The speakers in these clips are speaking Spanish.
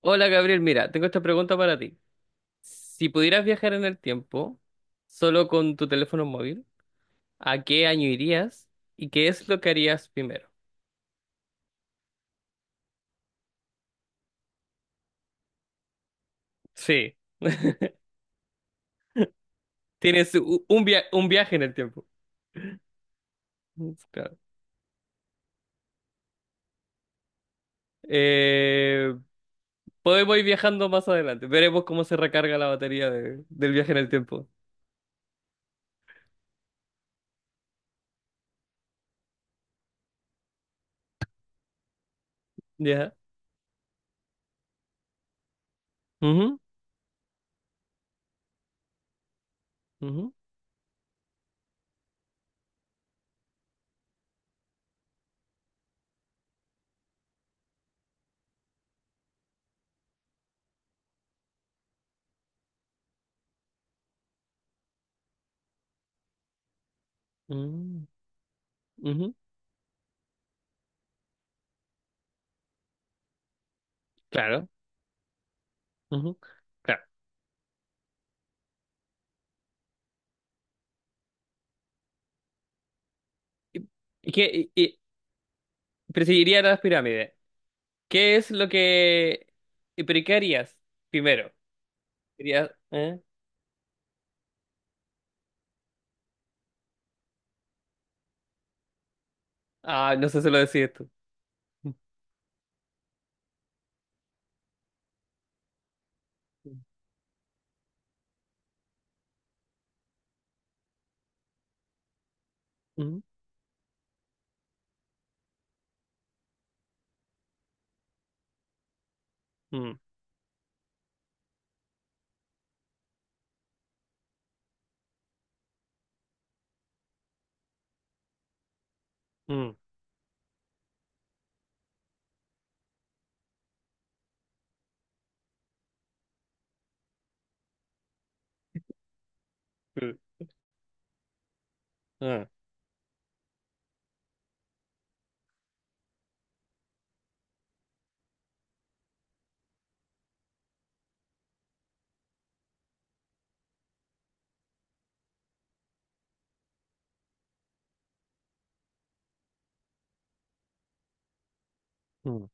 Hola Gabriel, mira, tengo esta pregunta para ti. Si pudieras viajar en el tiempo solo con tu teléfono móvil, ¿a qué año irías y qué es lo que harías primero? Sí, tienes un viaje en el tiempo. Claro. Eh, Podemos ir viajando más adelante. Veremos cómo se recarga la batería del viaje en el tiempo. Ya. Ujú, ujú, mm, ujú. Claro. Ujú, claro. ¿Y, y qué- y- y- pero seguiría las pirámides? ¿Qué es lo que... y ¿Pero y qué harías primero? ¿Eh? Ah, no sé si lo decís tú. Mm, mm, mm, mm, ah, mm.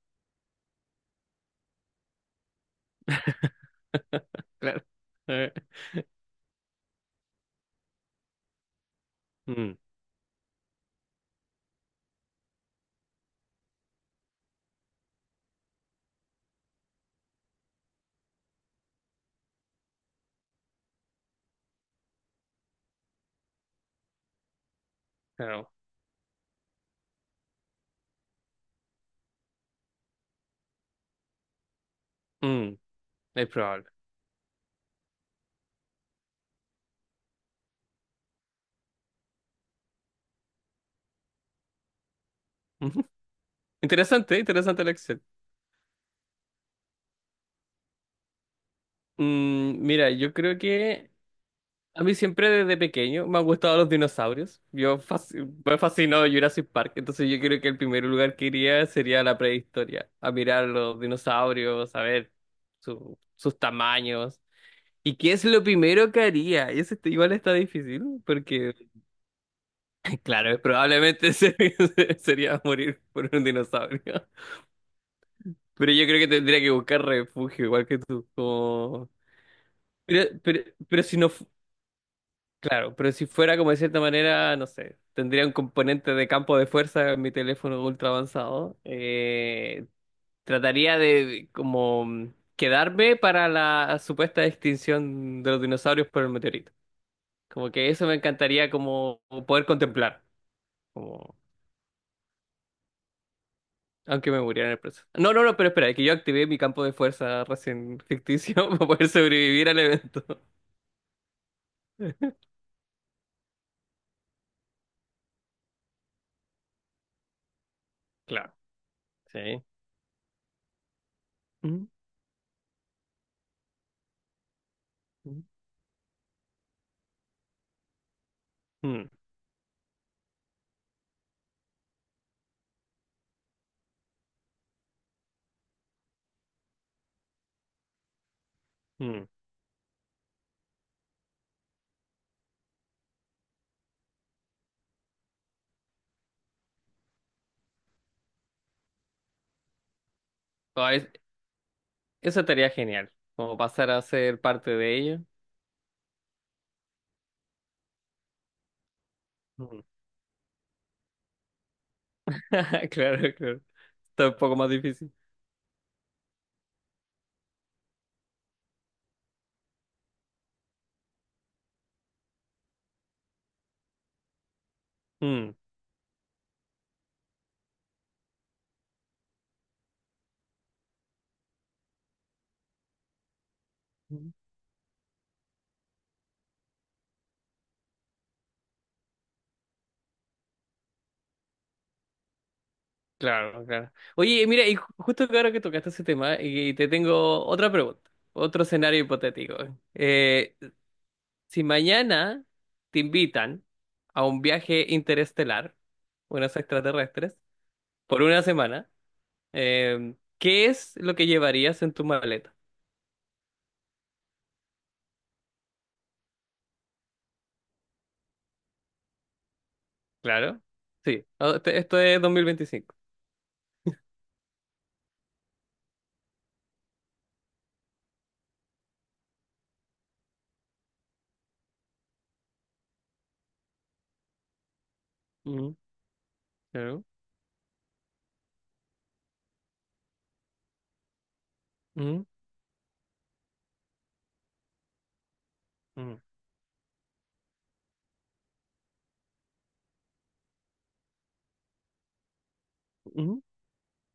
Claro. Eh, mm, claro. Mm, es probable. Ujú. Interesante, interesante la acción. Mm, mira, yo creo que a mí siempre desde pequeño me han gustado los dinosaurios. Me fascinó Jurassic Park, entonces yo creo que el primer lugar que iría sería la prehistoria, a mirar los dinosaurios, a ver sus tamaños. ¿Y qué es lo primero que haría? Igual está difícil, porque claro, sería morir por un dinosaurio. Pero yo creo que tendría que buscar refugio, igual que tú, como... Pero, pero, pero si no claro, pero si fuera como de cierta manera, no sé, tendría un componente de campo de fuerza en mi teléfono ultra avanzado. Trataría de como quedarme para la supuesta extinción de los dinosaurios por el meteorito. Como que eso me encantaría como poder contemplar, como aunque me muriera en el proceso. No, no, no, pero espera, es que yo activé mi campo de fuerza recién ficticio para poder sobrevivir al evento. Claro, sí. Mm, mm, mm, mm. Eso estaría genial, como pasar a ser parte de ello. Mm. Claro, claro. Está un poco más difícil. Mm. Claro, claro. Oye, mira, justo que ahora que tocaste ese tema, y te tengo otra pregunta, otro escenario hipotético. Eh, si mañana te invitan a un viaje interestelar, unos extraterrestres, por una semana, ¿qué es lo que llevarías en tu maleta? Claro, sí. Esto es 2025. Ujú, claro. Mm. Ujú,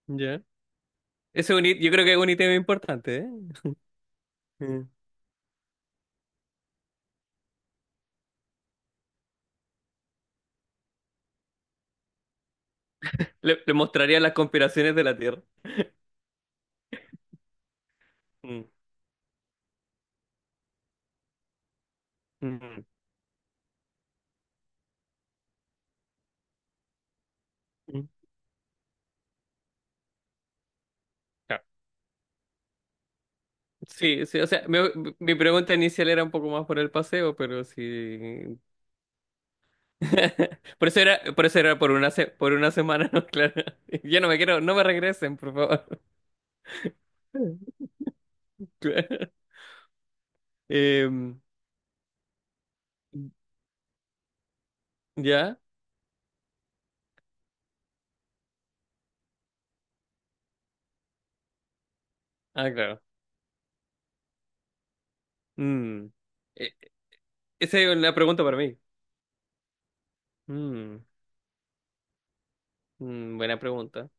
ya. Ese es un hit- Yo creo que es un ítem importante, ¿eh? Mm. Le mostraría las conspiraciones de la Tierra. Mm, mm, mm. Ah, sí, sí, mi pregunta inicial era un poco más por el paseo, pero sí. Por eso era, por eso era por una semana, ¿no? Claro. Yo no me quiero, no me regresen, por favor. Claro. Em, ¿Ya? Ah, claro. Mm. E- Esa es una pregunta para mí. Mm, mm, buena pregunta.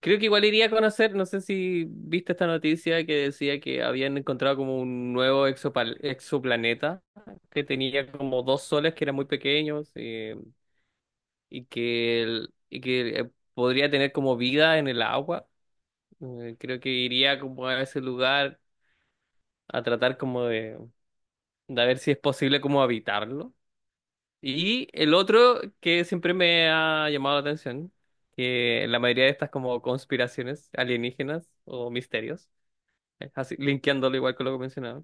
Creo que igual iría a conocer, no sé si viste esta noticia que decía que habían encontrado como un nuevo exoplaneta que tenía como dos soles que eran muy pequeños, y que, y que podría tener como vida en el agua. Creo que iría como a ese lugar a tratar como de ver si es posible como habitarlo. Y el otro que siempre me ha llamado la atención, que la mayoría de estas como conspiraciones alienígenas o misterios, así, linkeándolo igual con lo que mencionaba.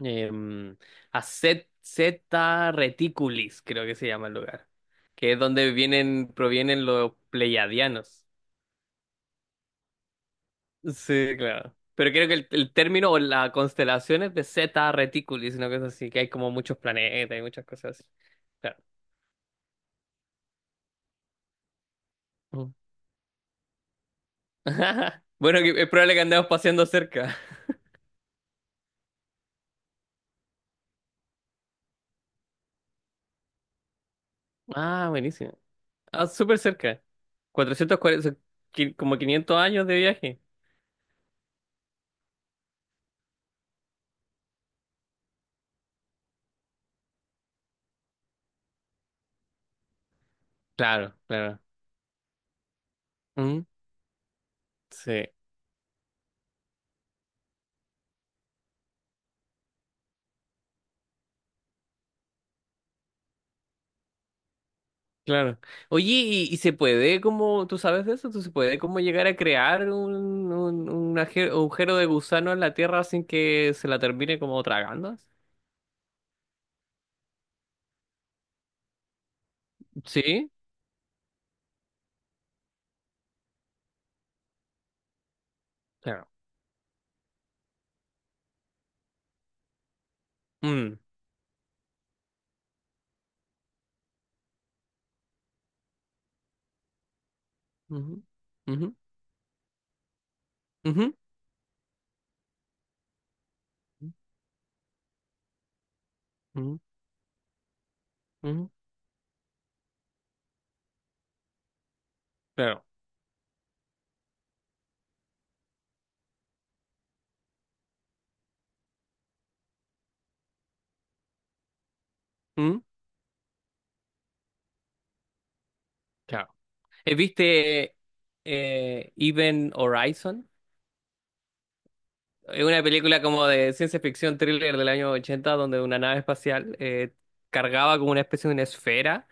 Em, a Zeta Reticulis, creo que se llama el lugar, que es donde vienen, provienen los pleiadianos. Sí, claro. Pero creo que el término o la constelación es de Zeta Reticulis, una cosa así, que hay como muchos planetas y muchas cosas así. Claro. Mm. Bueno, es probable que andemos paseando cerca. Ah, buenísimo. Ah, súper cerca. 440, como 500 años de viaje. Claro, claro. Mm. Sí, claro. Oye, y se puede como, tú sabes de eso? ¿Tú se puede como llegar a crear un agujero de gusano en la Tierra sin que se la termine como tragando? Sí, claro. Mm. Ujú, ujú, ujú, ujú, ujú, claro. Mm, claro. ¿Viste Event Horizon? Es una película como de ciencia ficción thriller del año 80 donde una nave espacial cargaba como una especie de una esfera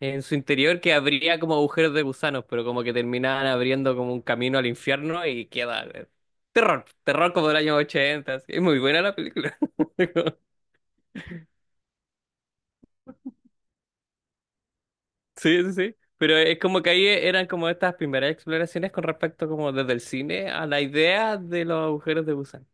en su interior que abría como agujeros de gusanos, pero como que terminaban abriendo como un camino al infierno y queda terror, terror como del año 80 así. Es muy buena la película. Sí, sí, sí. Pero es como que ahí eran como estas primeras exploraciones con respecto como desde el cine a la idea de los agujeros de gusano.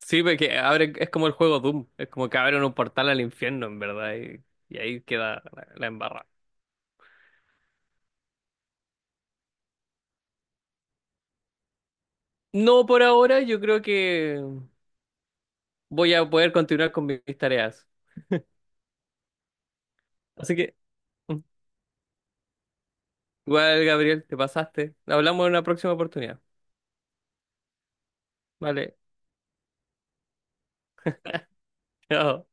Sí, porque abre, es como el juego Doom, es como que abren un portal al infierno, en verdad, y ahí queda la, la embarrada. No por ahora, yo creo que voy a poder continuar con mis tareas. Así que igual, Gabriel, te pasaste. Hablamos en una próxima oportunidad. Vale. Chao.